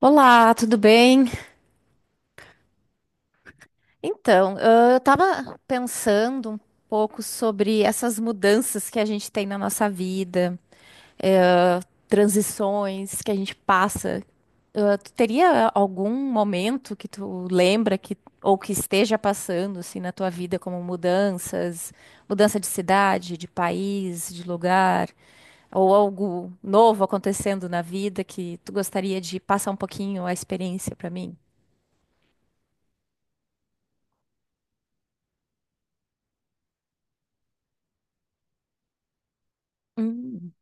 Olá, tudo bem? Então, eu estava pensando um pouco sobre essas mudanças que a gente tem na nossa vida, eh, transições que a gente passa. Ah, tu teria algum momento que tu lembra que esteja passando assim na tua vida como mudanças, mudança de cidade, de país, de lugar, ou algo novo acontecendo na vida que tu gostaria de passar um pouquinho a experiência para mim? Hum.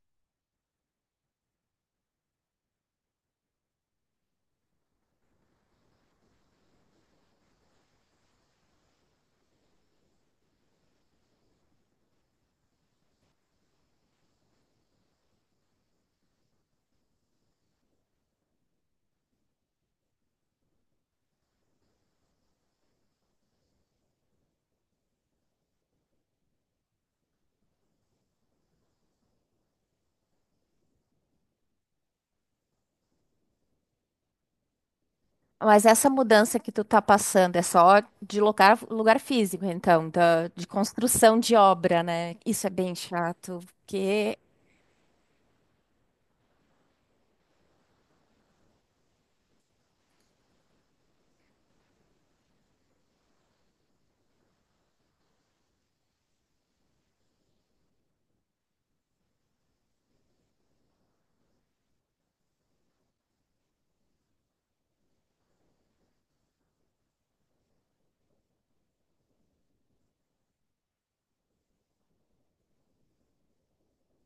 Mas essa mudança que tu tá passando é só de lugar, lugar físico, então, de construção de obra, né? Isso é bem chato, porque...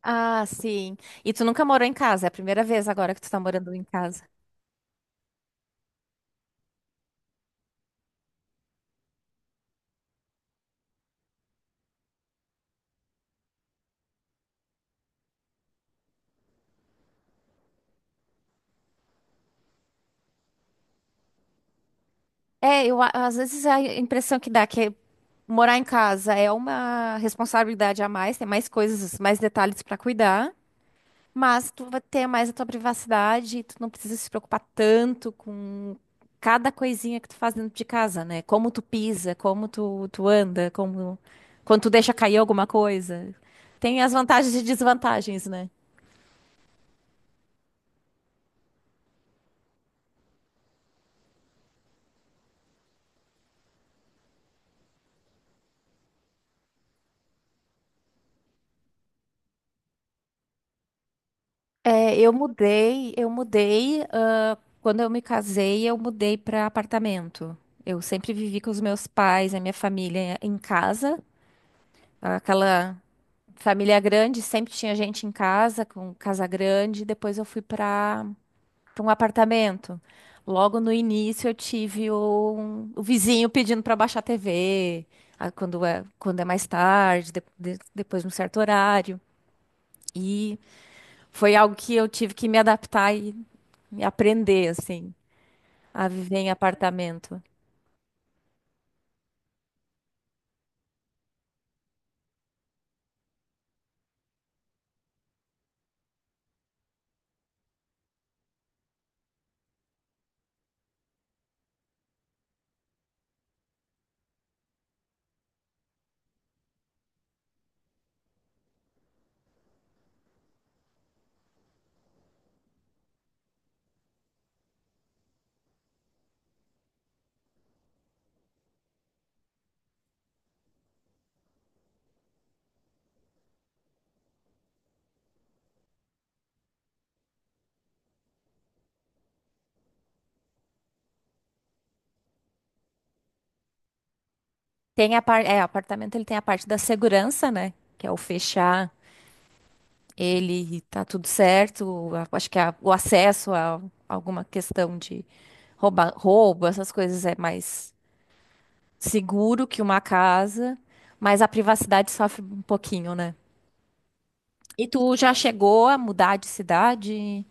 Ah, sim. E tu nunca morou em casa, é a primeira vez agora que tu tá morando em casa. É, às vezes a impressão que dá é que morar em casa é uma responsabilidade a mais, tem mais coisas, mais detalhes pra cuidar. Mas tu vai ter mais a tua privacidade, tu não precisa se preocupar tanto com cada coisinha que tu faz dentro de casa, né? Como tu pisa, tu anda, como quando tu deixa cair alguma coisa. Tem as vantagens e desvantagens, né? É, eu mudei, quando eu me casei, eu mudei para apartamento. Eu sempre vivi com os meus pais, a minha família em casa, aquela família grande, sempre tinha gente em casa, com casa grande. Depois eu fui para um apartamento. Logo no início eu tive o vizinho pedindo para baixar a TV, quando é mais tarde, depois de um certo horário. E foi algo que eu tive que me adaptar e me aprender, assim, a viver em apartamento. Tem a parte, é, apartamento ele tem a parte da segurança, né? Que é o fechar ele e tá tudo certo. Acho que o acesso a alguma questão de roubo, essas coisas é mais seguro que uma casa, mas a privacidade sofre um pouquinho, né? E tu já chegou a mudar de cidade?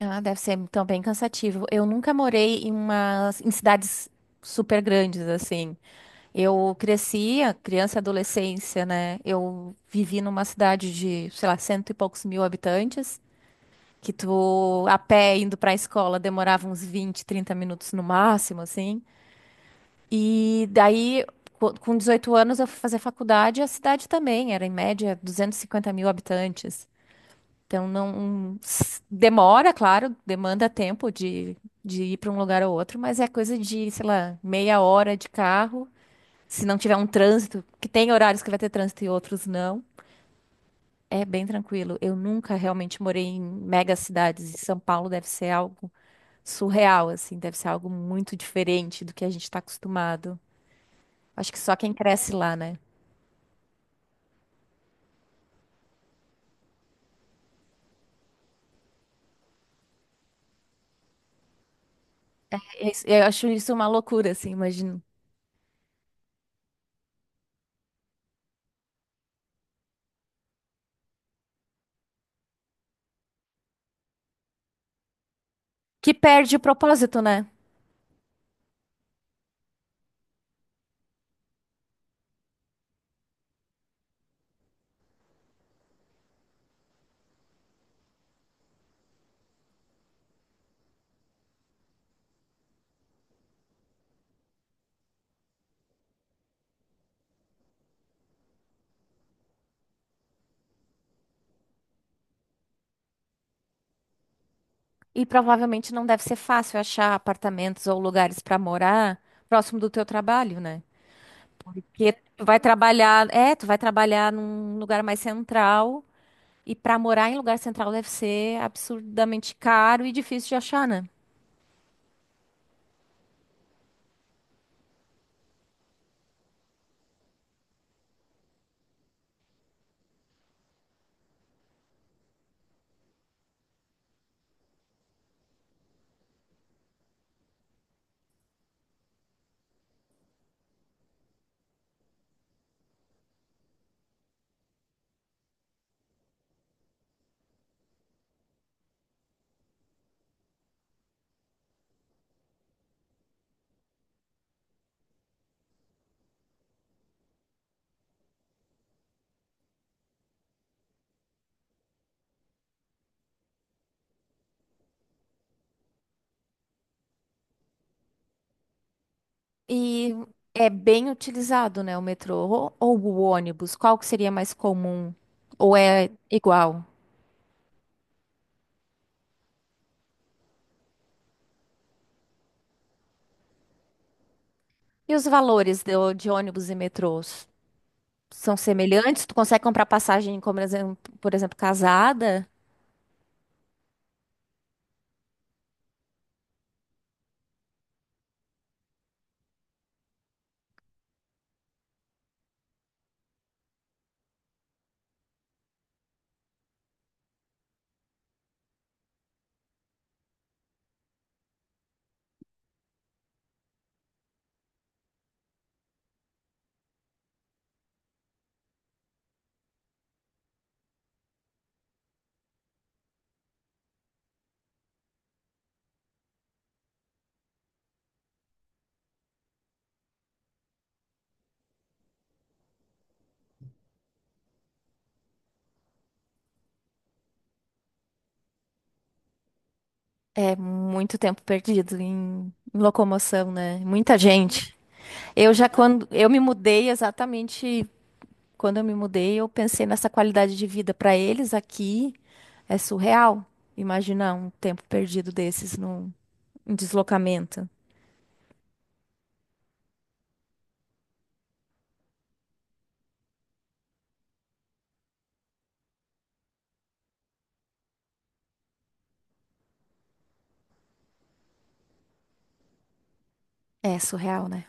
Ah, deve ser então bem cansativo. Eu nunca morei em umas cidades super grandes assim. Eu cresci, a criança e adolescência, né? Eu vivi numa cidade de, sei lá, cento e poucos mil habitantes, que tu a pé indo pra escola demorava uns 20, 30 minutos no máximo, assim. E daí, com 18 anos, eu fui fazer faculdade e a cidade também era, em média, 250 mil habitantes. Então, não s- demora, claro, demanda tempo de ir para um lugar ou outro, mas é coisa de, sei lá, meia hora de carro. Se não tiver um trânsito, que tem horários que vai ter trânsito e outros não, é bem tranquilo. Eu nunca realmente morei em mega cidades e São Paulo deve ser algo surreal, assim, deve ser algo muito diferente do que a gente está acostumado. Acho que só quem cresce lá, né? Eu acho isso uma loucura, assim, imagino. Que perde o propósito, né? E provavelmente não deve ser fácil achar apartamentos ou lugares pra morar próximo do teu trabalho, né? Porque tu vai trabalhar, é, tu vai trabalhar num lugar mais central e pra morar em lugar central deve ser absurdamente caro e difícil de achar, né? E é bem utilizado, né, o metrô ou o ônibus, qual que seria mais comum? Ou é igual? E os valores de ônibus e metrôs são semelhantes, tu consegue comprar passagem, por exemplo, casada, é muito tempo perdido em, em locomoção, né? Muita gente. Eu já quando eu me mudei, eu pensei nessa qualidade de vida para eles aqui é surreal. Imaginar um tempo perdido desses num em deslocamento. É surreal, né?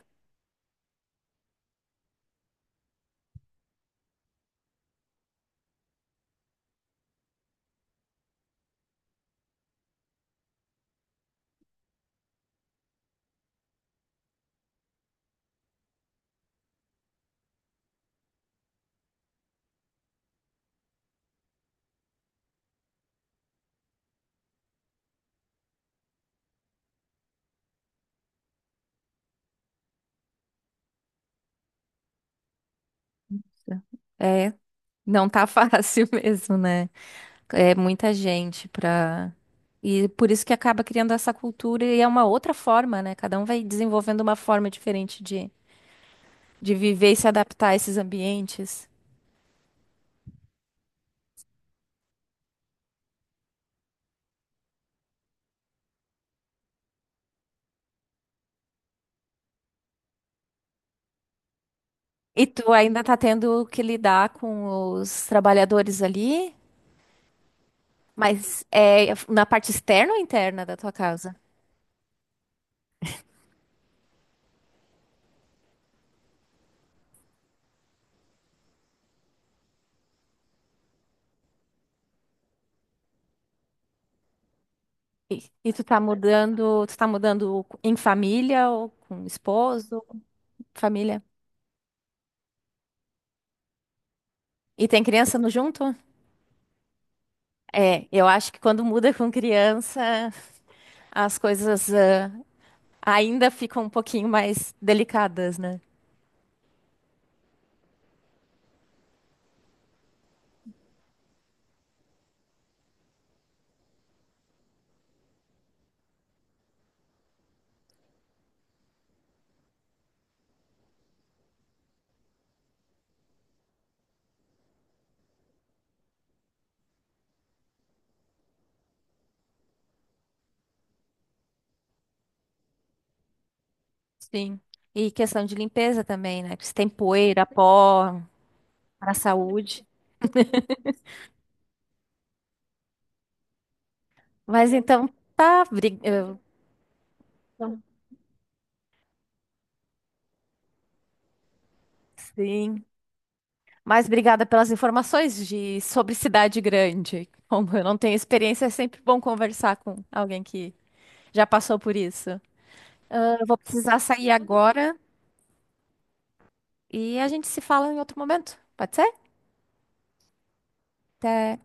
É, não tá fácil mesmo, né? É muita gente pra. E por isso que acaba criando essa cultura e é uma outra forma, né? Cada um vai desenvolvendo uma forma diferente de viver e se adaptar a esses ambientes. E tu ainda tá tendo que lidar com os trabalhadores ali, mas é na parte externa ou interna da tua casa? E tu tá mudando, em família ou com esposo, família? E tem criança no junto? É, eu acho que quando muda com criança as coisas ah, ainda ficam um pouquinho mais delicadas, né? Sim. E questão de limpeza também, né? Que se tem poeira, pó para a saúde. Mas então tá, bri- eu- então, sim. Mas obrigada pelas informações de sobre cidade grande. Como eu não tenho experiência, é sempre bom conversar com alguém que já passou por isso. Ah, eu vou precisar sair agora e a gente se fala em outro momento. Pode ser? Até.